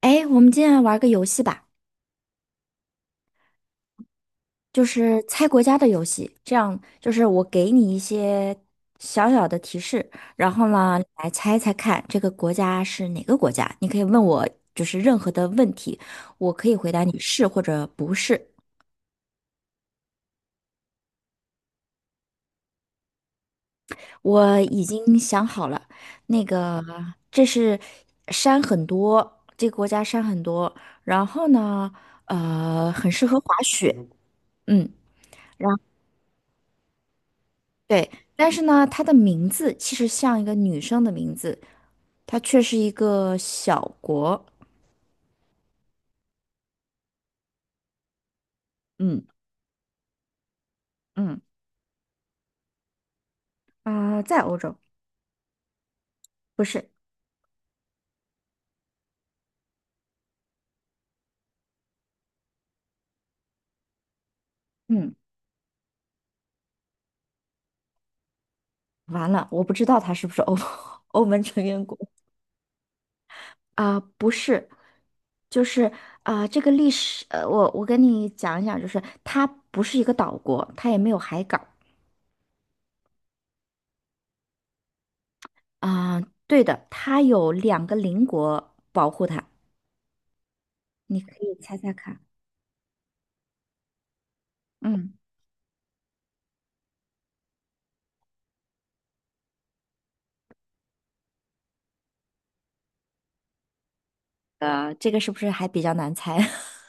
哎，我们今天来玩个游戏吧，就是猜国家的游戏。这样就是我给你一些小小的提示，然后呢，你来猜猜看这个国家是哪个国家。你可以问我就是任何的问题，我可以回答你是或者不是。我已经想好了，那个这是山很多，这个国家山很多，然后呢，很适合滑雪。嗯。然。对，但是呢，它的名字其实像一个女生的名字，它却是一个小国。嗯嗯啊、在欧洲，不是。嗯，完了，我不知道它是不是欧 欧盟成员国啊、不是，就是啊、这个历史，我跟你讲一讲，就是它不是一个岛国，它也没有海港啊、对的，它有两个邻国保护它，你可以猜猜看。嗯，这个是不是还比较难猜？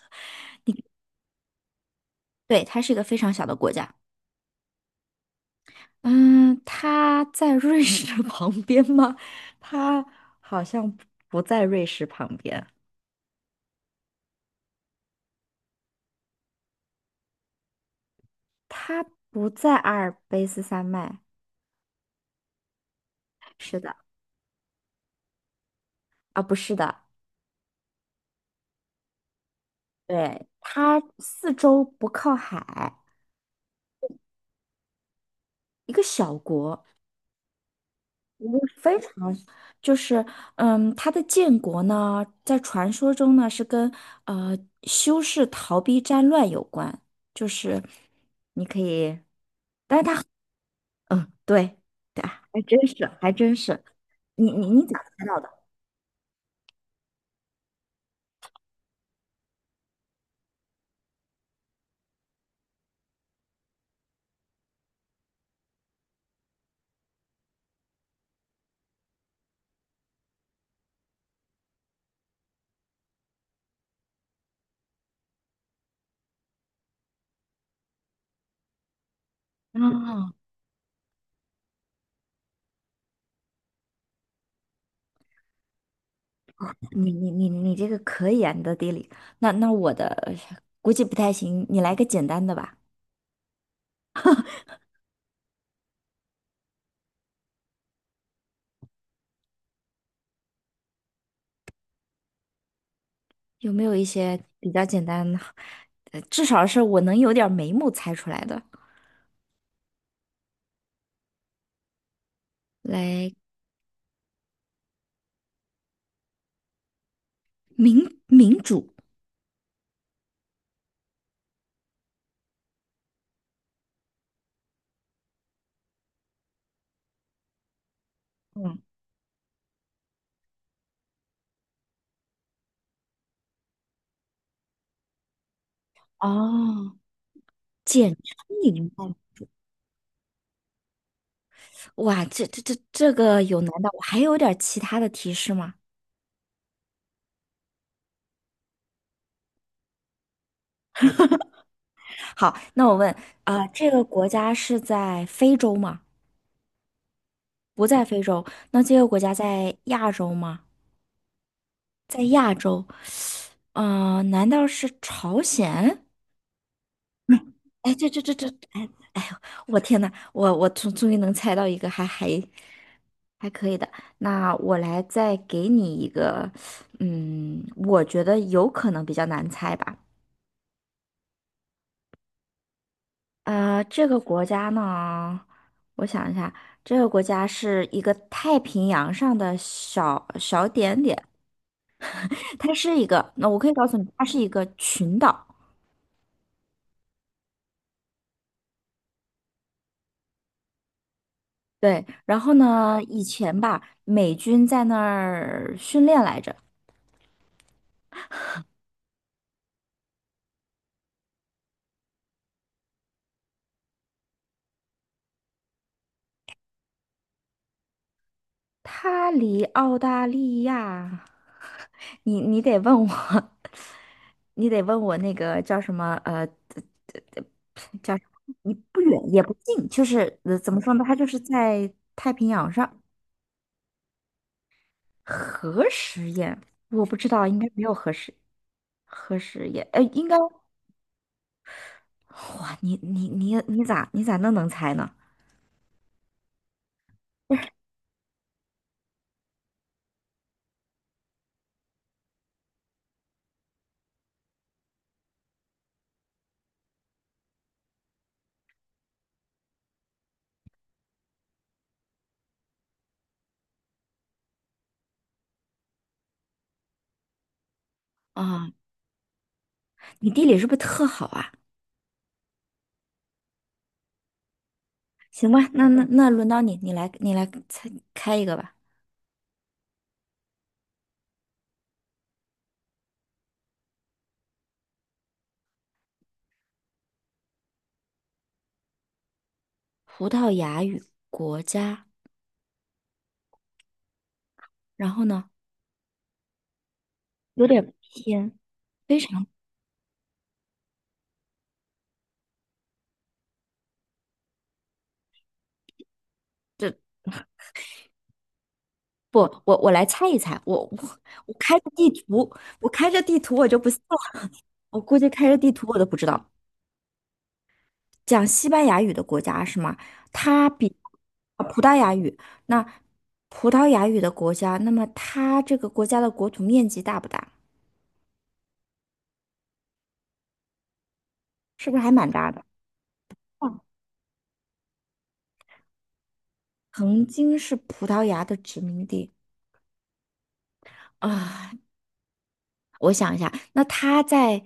对，它是一个非常小的国家。嗯，它在瑞士的 旁边吗？它好像不在瑞士旁边，它不在阿尔卑斯山脉。是的，啊，不是的，对，它四周不靠海，一个小国，一个非常 就是，嗯，它的建国呢，在传说中呢是跟呃修士逃避战乱有关，就是你可以。嗯，对，对，还真是，还真是。你咋猜到的？啊，你这个可以啊，你的地理。那那我的估计不太行，你来个简单的吧。有没有一些比较简单的？至少是我能有点儿眉目猜出来的。来，民民主，嗯，哦，简称明哇，这个有难道我还有点儿其他的提示吗？好，那我问，啊、这个国家是在非洲吗？不在非洲，那这个国家在亚洲吗？在亚洲，难道是朝鲜？哎，这这这这，哎哎呦，我天呐，我终终于能猜到一个还还还可以的。那我来再给你一个，嗯，我觉得有可能比较难猜吧。这个国家呢，我想一下，这个国家是一个太平洋上的小小点点。它是一个，那我可以告诉你，它是一个群岛。对，然后呢，以前吧，美军在那儿训练来着。它离澳大利亚，你得问我，你得问我那个叫什么叫什么你不远也不近，就是怎么说呢？它就是在太平洋上。核实验，我不知道，应该没有核实核实验，应该。哇，你咋咋那能猜呢？啊，你地理是不是特好啊？行吧，那轮到你，你来猜开一个吧。葡萄牙语国家，然后呢，有点偏，非常这不，我来猜一猜，我我开着地图，我开着地图我就不信了，我估计开着地图我都不知道。讲西班牙语的国家是吗？它比啊葡萄牙语，那葡萄牙语的国家，那么它这个国家的国土面积大不大？是不是还蛮大的？嗯曾经是葡萄牙的殖民地啊，我想一下，那它在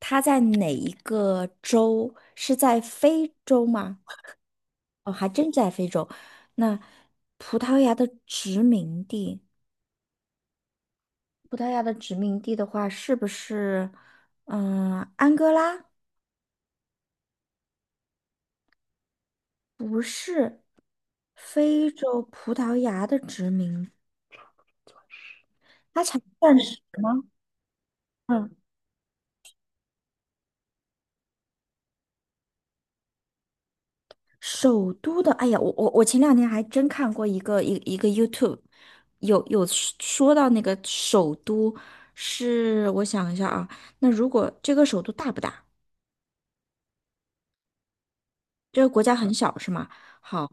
它在哪一个州？是在非洲吗？哦，还真在非洲。那葡萄牙的殖民地。葡萄牙的殖民地的话，是不是嗯安哥拉？不是，非洲葡萄牙的殖民，但是嗯，首都的，哎呀，我前两天还真看过一个一个 YouTube，有有说说到那个首都是，我想一下啊，那如果这个首都大不大？这个国家很小是吗？好，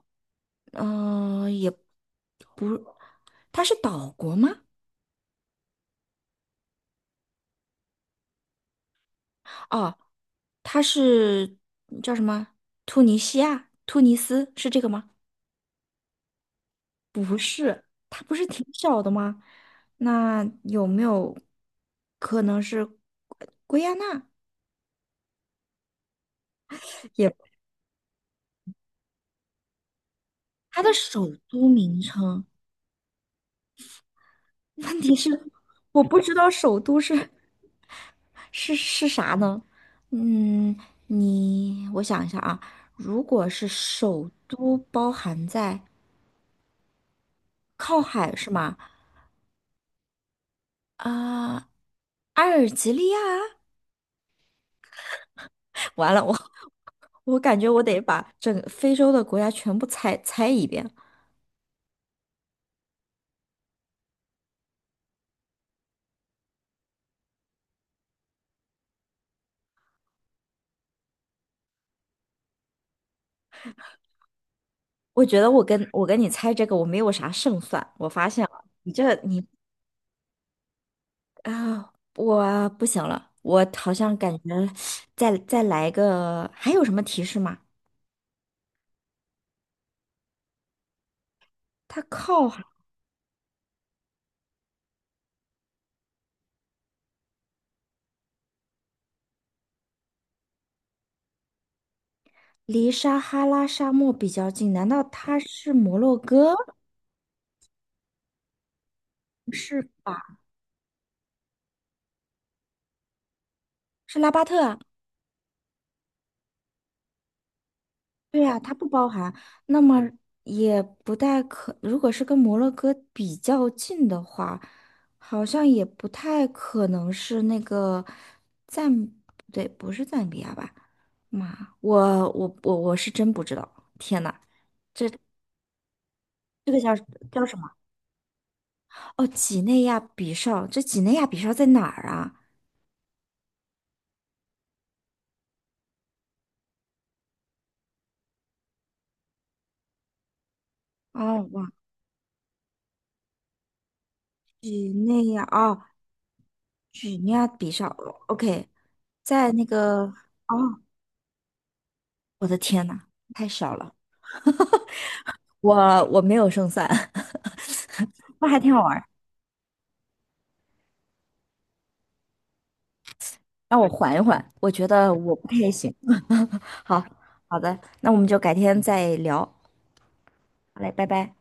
嗯、也不，它是岛国吗？哦，他是叫什么？突尼西亚、突尼斯是这个吗？它不是挺小的吗？那有没有可能是圭圭亚那？也，它的首都名称，问题是我不知道首都是是啥呢？嗯，你我想一下啊，如果是首都包含在靠海是吗？啊、阿尔及利亚。完了，我 我感觉我得把整个非洲的国家全部猜猜一遍。我觉得我跟你猜这个我没有啥胜算，我发现了，你这你啊，我不行了，我好像感觉再来一个，还有什么提示吗？它靠海离撒哈拉沙漠比较近，难道它是摩洛哥？不是吧？是拉巴特啊？对呀，它不包含，那么也不太可，如果是跟摩洛哥比较近的话，好像也不太可能是那个赞，不对，不是赞比亚吧？妈，我是真不知道，天呐，叫什么？哦，几内亚比绍，这几内亚比绍在哪儿啊？哦，哇，几内亚，哦，几内亚比绍哦，OK，在那个，哦，我的天呐，太小了。我没有胜算，那还挺好玩儿让我缓一缓，我觉得我不太行。好，好的，那我们就改天再聊，好嘞，拜拜。